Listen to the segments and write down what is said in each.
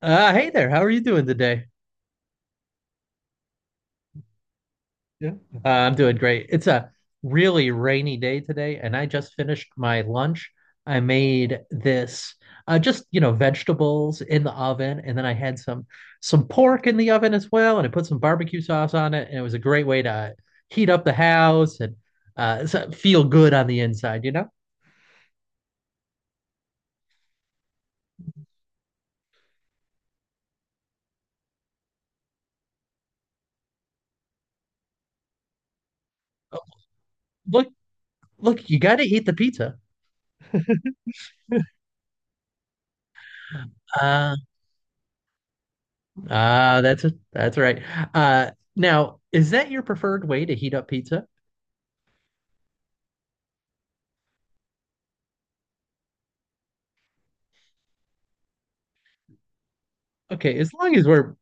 Hey there. How are you doing today? Yeah. I'm doing great. It's a really rainy day today, and I just finished my lunch. I made this vegetables in the oven, and then I had some pork in the oven as well, and I put some barbecue sauce on it, and it was a great way to heat up the house and feel good on the inside, Look, look, you got to eat the pizza. Uh, that's right. Uh, now, is that your preferred way to heat up pizza? Okay, as long as we're,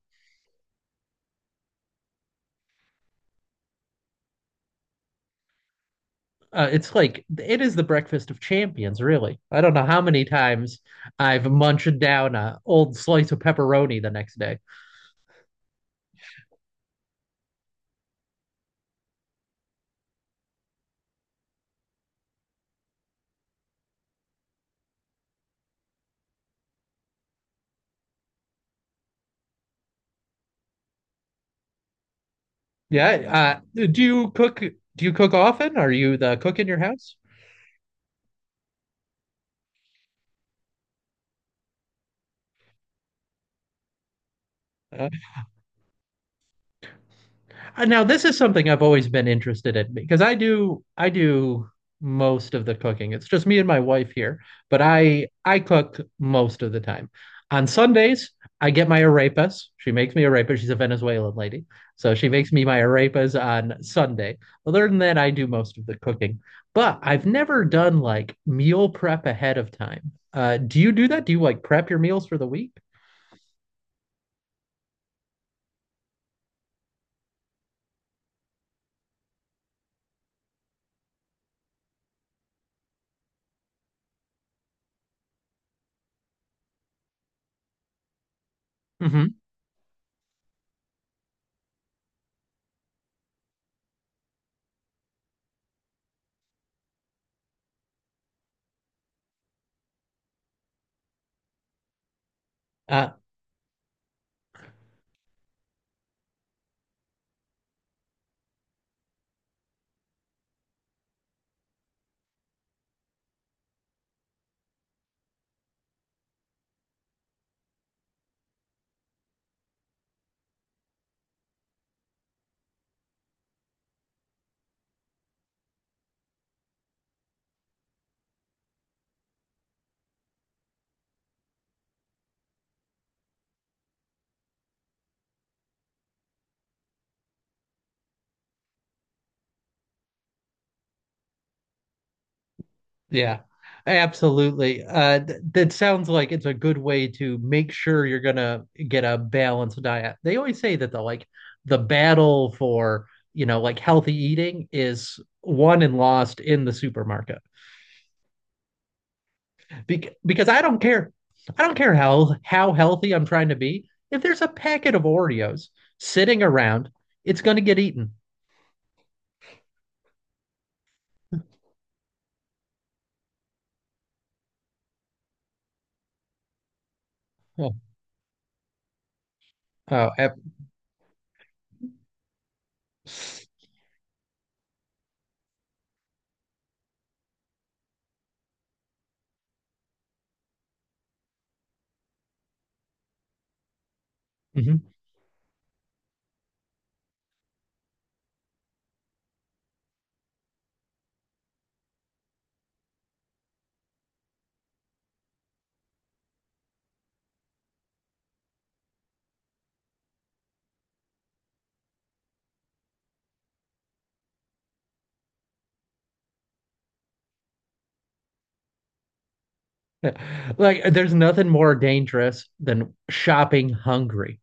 uh, it's like it is the breakfast of champions, really. I don't know how many times I've munched down a old slice of pepperoni the next day. Yeah, do you cook? Do you cook often? Are you the cook in your house? Uh, Now, this is something I've always been interested in because I do most of the cooking. It's just me and my wife here, but I cook most of the time. On Sundays, I get my arepas. She makes me arepas. She's a Venezuelan lady, so she makes me my arepas on Sunday. Other than that, I do most of the cooking. But I've never done like meal prep ahead of time. Do you do that? Do you like prep your meals for the week? hmm Uh, yeah, absolutely. Th that sounds like it's a good way to make sure you're gonna get a balanced diet. They always say that the battle for, you know, like healthy eating is won and lost in the supermarket. Because I don't care. I don't care how healthy I'm trying to be. If there's a packet of Oreos sitting around, it's going to get eaten. Oh, oh ep- mhm. Like there's nothing more dangerous than shopping hungry.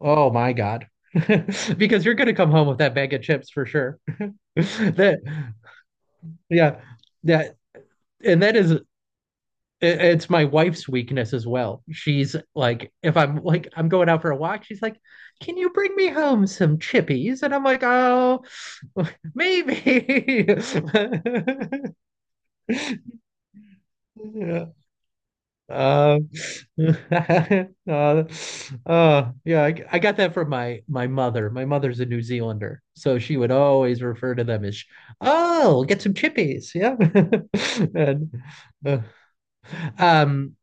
Oh my God. Because you're going to come home with that bag of chips for sure. that, yeah, that, and that is it's my wife's weakness as well. She's like, if I'm like, I'm going out for a walk, she's like, can you bring me home some chippies? And I'm like, oh, maybe. Uh, uh, yeah, I got that from my mother. My mother's a New Zealander, so she would always refer to them as, "Oh, get some chippies." Yeah, and uh, um,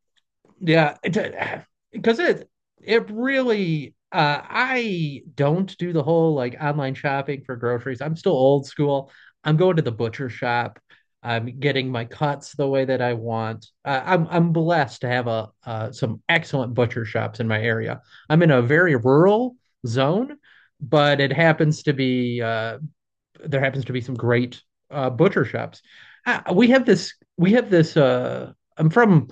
yeah, because it really I don't do the whole like online shopping for groceries. I'm still old school. I'm going to the butcher shop. I'm getting my cuts the way that I want. I'm blessed to have a some excellent butcher shops in my area. I'm in a very rural zone, but it happens to be some great butcher shops. We have this I'm from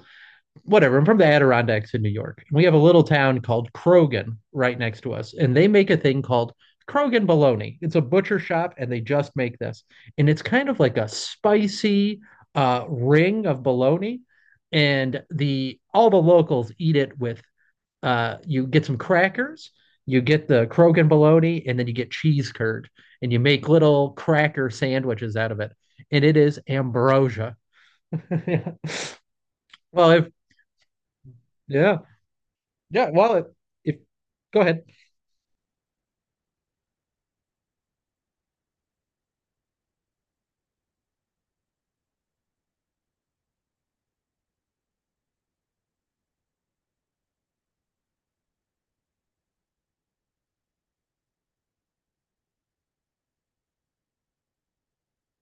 whatever. I'm from the Adirondacks in New York. We have a little town called Krogan right next to us, and they make a thing called Krogan bologna. It's a butcher shop, and they just make this, and it's kind of like a spicy ring of bologna, and the all the locals eat it with. You get some crackers, you get the Krogan bologna, and then you get cheese curd, and you make little cracker sandwiches out of it, and it is ambrosia. well, if yeah, Yeah, well, if go ahead.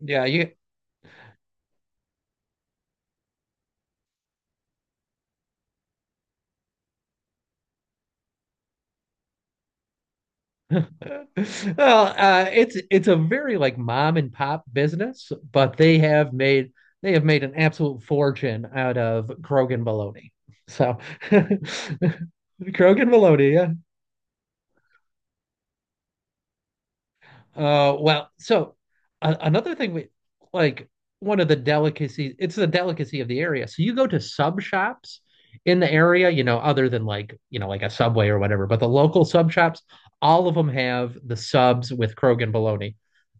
Yeah, you Well, it's a very like mom and pop business, but they have made an absolute fortune out of Krogan bologna. So Krogan bologna, yeah. Uh well, so another thing we like one of the delicacies, it's the delicacy of the area. So you go to sub shops in the area, you know, other than like, you know, like a Subway or whatever, but the local sub shops, all of them have the subs with Krogan bologna.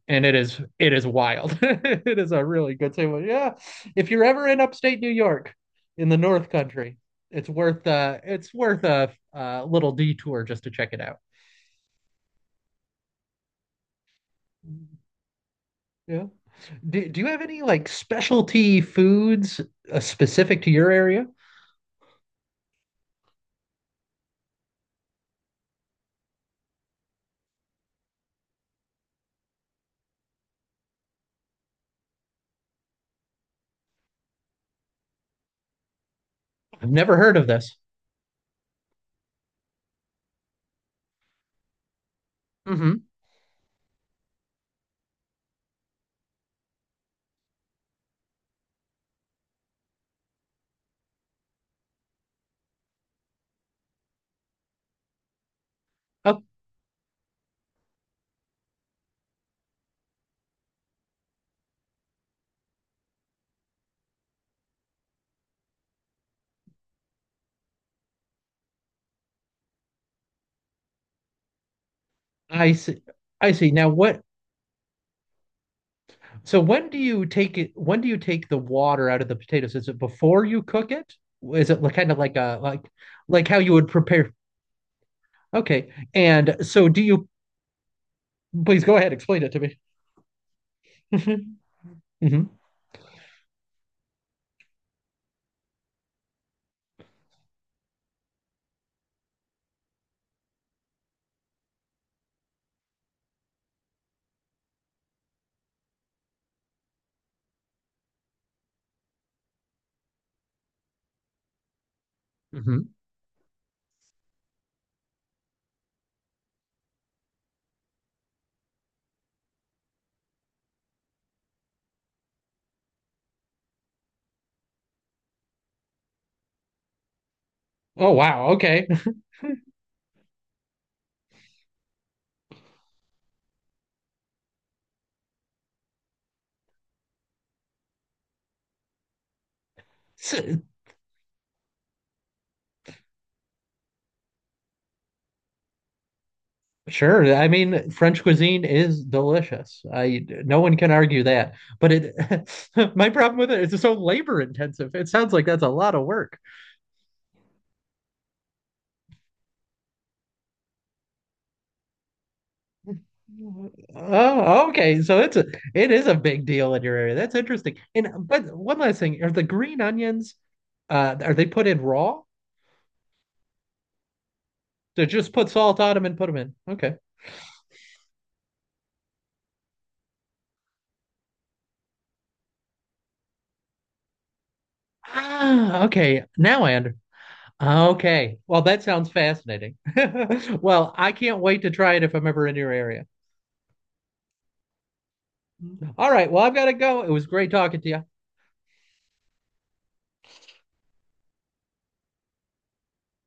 And it is wild. It is a really good sandwich. Yeah. If you're ever in upstate New York in the North Country, it's worth a little detour just to check it out. Yeah. Do you have any like specialty foods specific to your area? I've never heard of this. Hmm. Oh, I see. I see. Now what? So when do you take it? When do you take the water out of the potatoes? Is it before you cook it? Is it like, kind of like a like like how you would prepare? Okay. And so do you? Please go ahead, explain it to me. Hmm. Hmm. Oh wow, okay. Sure. I mean, French cuisine is delicious. I no one can argue that. But it my problem with it is it's so labor intensive. It sounds like that's a lot of work. Oh, okay. So it is a big deal in your area. That's interesting. And but one last thing, are the green onions are they put in raw? They just put salt on them and put them in. Okay. Ah, okay. Now I understand. Okay. Well, that sounds fascinating. Well, I can't wait to try it if I'm ever in your area. All right. Well, I've got to go. It was great talking to you.